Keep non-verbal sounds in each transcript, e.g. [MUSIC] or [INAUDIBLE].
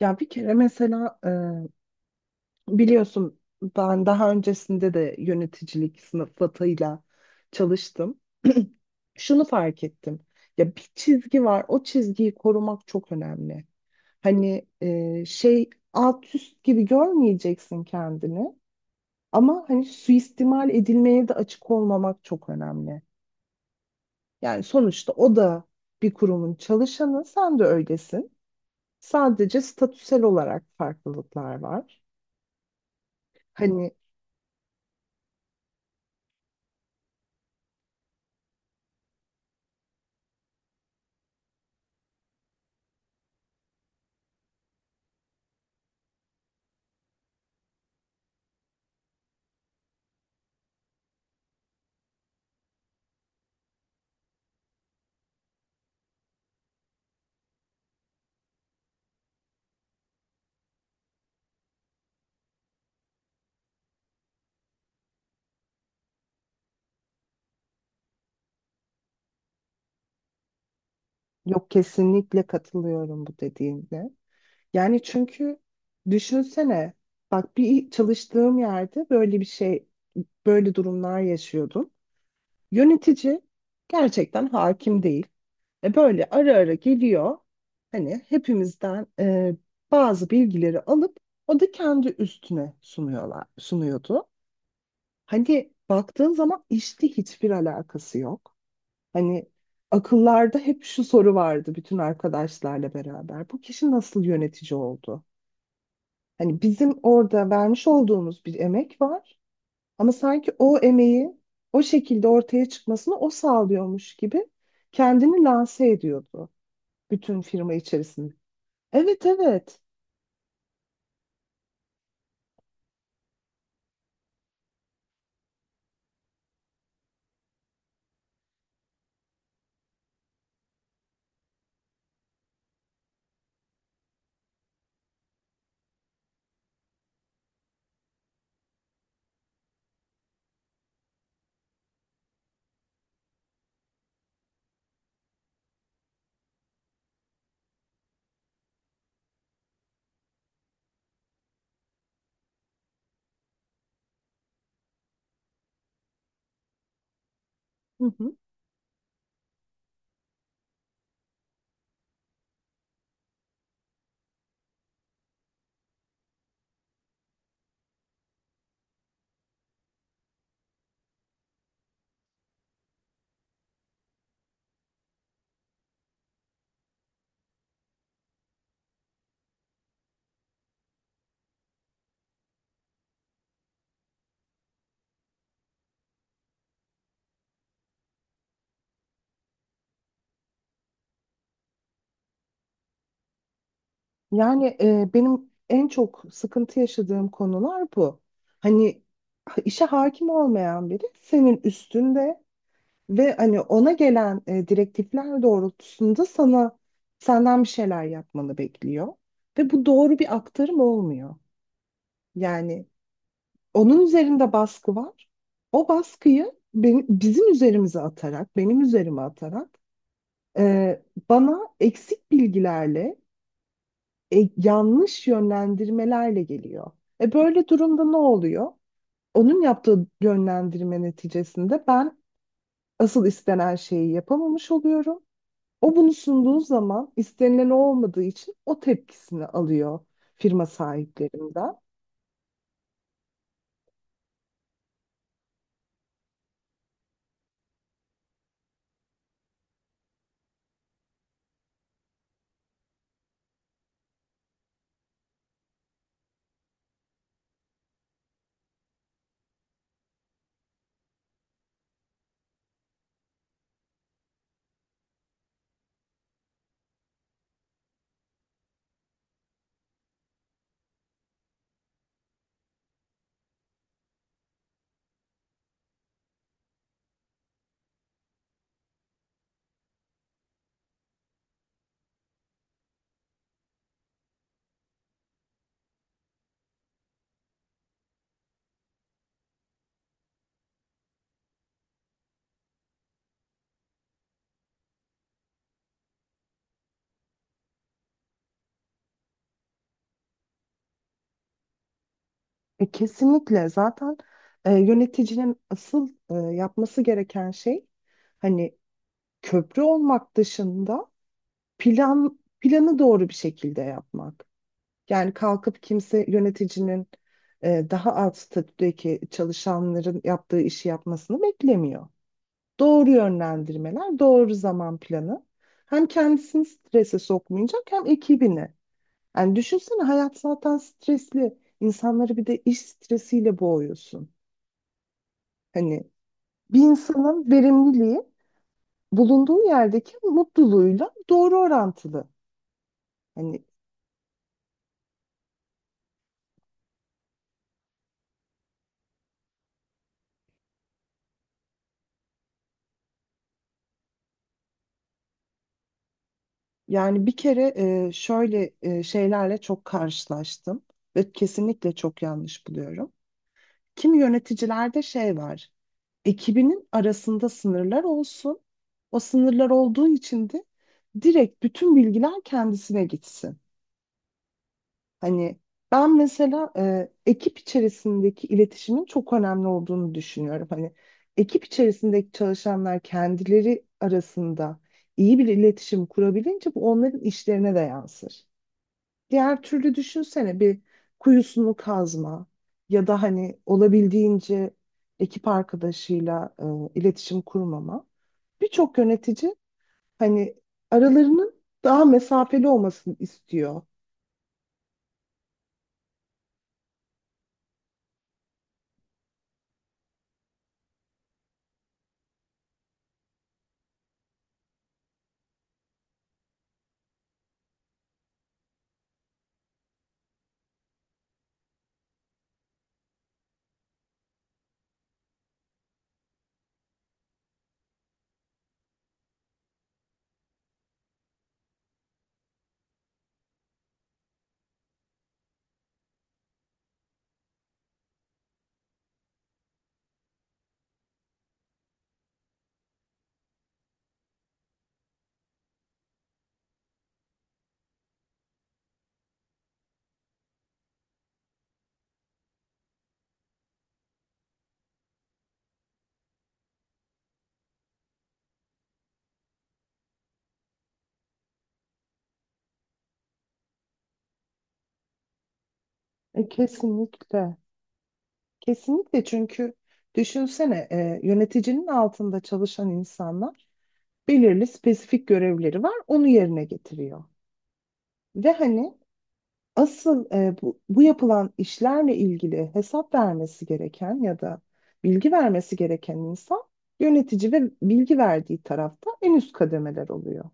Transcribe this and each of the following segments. Ya bir kere mesela biliyorsun ben daha öncesinde de yöneticilik sıfatıyla çalıştım. [CLEARS THROAT] Şunu fark ettim. Ya bir çizgi var. O çizgiyi korumak çok önemli. Hani alt üst gibi görmeyeceksin kendini, ama hani suistimal edilmeye de açık olmamak çok önemli. Yani sonuçta o da bir kurumun çalışanı, sen de öylesin. Sadece statüsel olarak farklılıklar var. Hani Yok, kesinlikle katılıyorum bu dediğinde. Yani çünkü düşünsene, bak, bir çalıştığım yerde böyle bir şey böyle durumlar yaşıyordum. Yönetici gerçekten hakim değil. E böyle ara ara geliyor. Hani hepimizden bazı bilgileri alıp o da kendi üstüne sunuyorlar, sunuyordu. Hani baktığın zaman işte hiçbir alakası yok. Hani akıllarda hep şu soru vardı, bütün arkadaşlarla beraber: bu kişi nasıl yönetici oldu? Hani bizim orada vermiş olduğumuz bir emek var, ama sanki o emeği o şekilde ortaya çıkmasını o sağlıyormuş gibi kendini lanse ediyordu bütün firma içerisinde. Evet, evet. Hı hı. Yani benim en çok sıkıntı yaşadığım konular bu. Hani işe hakim olmayan biri senin üstünde. Ve hani ona gelen direktifler doğrultusunda sana, senden bir şeyler yapmanı bekliyor. Ve bu doğru bir aktarım olmuyor. Yani onun üzerinde baskı var. O baskıyı benim, bizim üzerimize atarak, benim üzerime atarak e, bana eksik bilgilerle, yanlış yönlendirmelerle geliyor. E böyle durumda ne oluyor? Onun yaptığı yönlendirme neticesinde ben asıl istenen şeyi yapamamış oluyorum. O bunu sunduğu zaman, istenilen o olmadığı için, o tepkisini alıyor firma sahiplerinden. E, kesinlikle zaten yöneticinin asıl yapması gereken şey, hani köprü olmak dışında, planı doğru bir şekilde yapmak. Yani kalkıp kimse yöneticinin daha alt statüdeki çalışanların yaptığı işi yapmasını beklemiyor. Doğru yönlendirmeler, doğru zaman planı hem kendisini strese sokmayacak, hem ekibini. Yani düşünsene, hayat zaten stresli. İnsanları bir de iş stresiyle boğuyorsun. Hani bir insanın verimliliği bulunduğu yerdeki mutluluğuyla doğru orantılı. Hani. Yani bir kere şeylerle çok karşılaştım ve kesinlikle çok yanlış buluyorum. Kimi yöneticilerde şey var: ekibinin arasında sınırlar olsun. O sınırlar olduğu için de direkt bütün bilgiler kendisine gitsin. Hani ben mesela ekip içerisindeki iletişimin çok önemli olduğunu düşünüyorum. Hani ekip içerisindeki çalışanlar kendileri arasında iyi bir iletişim kurabilince bu onların işlerine de yansır. Diğer türlü düşünsene, bir kuyusunu kazma ya da hani olabildiğince ekip arkadaşıyla iletişim kurmama. Birçok yönetici hani aralarının daha mesafeli olmasını istiyor. E, kesinlikle. Kesinlikle, çünkü düşünsene, yöneticinin altında çalışan insanlar, belirli spesifik görevleri var, onu yerine getiriyor. Ve hani asıl bu yapılan işlerle ilgili hesap vermesi gereken ya da bilgi vermesi gereken insan yönetici, ve bilgi verdiği tarafta en üst kademeler oluyor.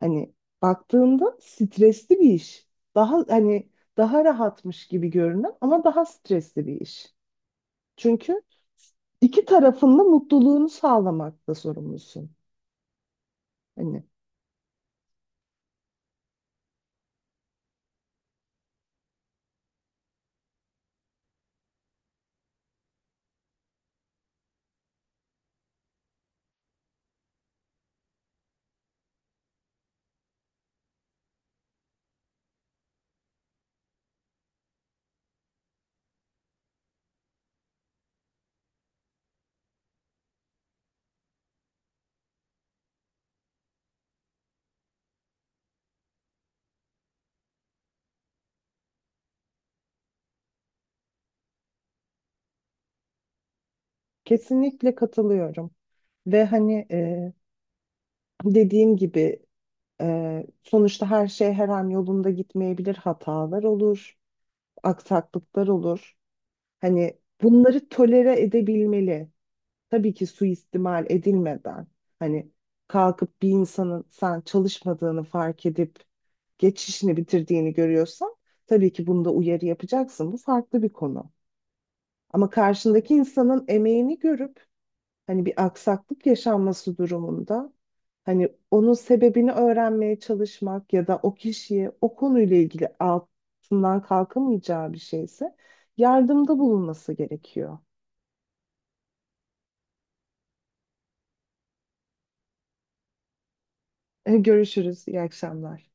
Hani baktığında stresli bir iş. Daha hani daha rahatmış gibi görünen ama daha stresli bir iş. Çünkü iki tarafın da mutluluğunu sağlamakta sorumlusun. Hani kesinlikle katılıyorum. Ve hani dediğim gibi, sonuçta her şey her an yolunda gitmeyebilir. Hatalar olur, aksaklıklar olur. Hani bunları tolere edebilmeli. Tabii ki suistimal edilmeden. Hani kalkıp bir insanın sen çalışmadığını fark edip geçişini bitirdiğini görüyorsan, tabii ki bunda uyarı yapacaksın. Bu farklı bir konu. Ama karşındaki insanın emeğini görüp, hani bir aksaklık yaşanması durumunda, hani onun sebebini öğrenmeye çalışmak ya da o kişiye o konuyla ilgili, altından kalkamayacağı bir şeyse, yardımda bulunması gerekiyor. [LAUGHS] Görüşürüz, iyi akşamlar.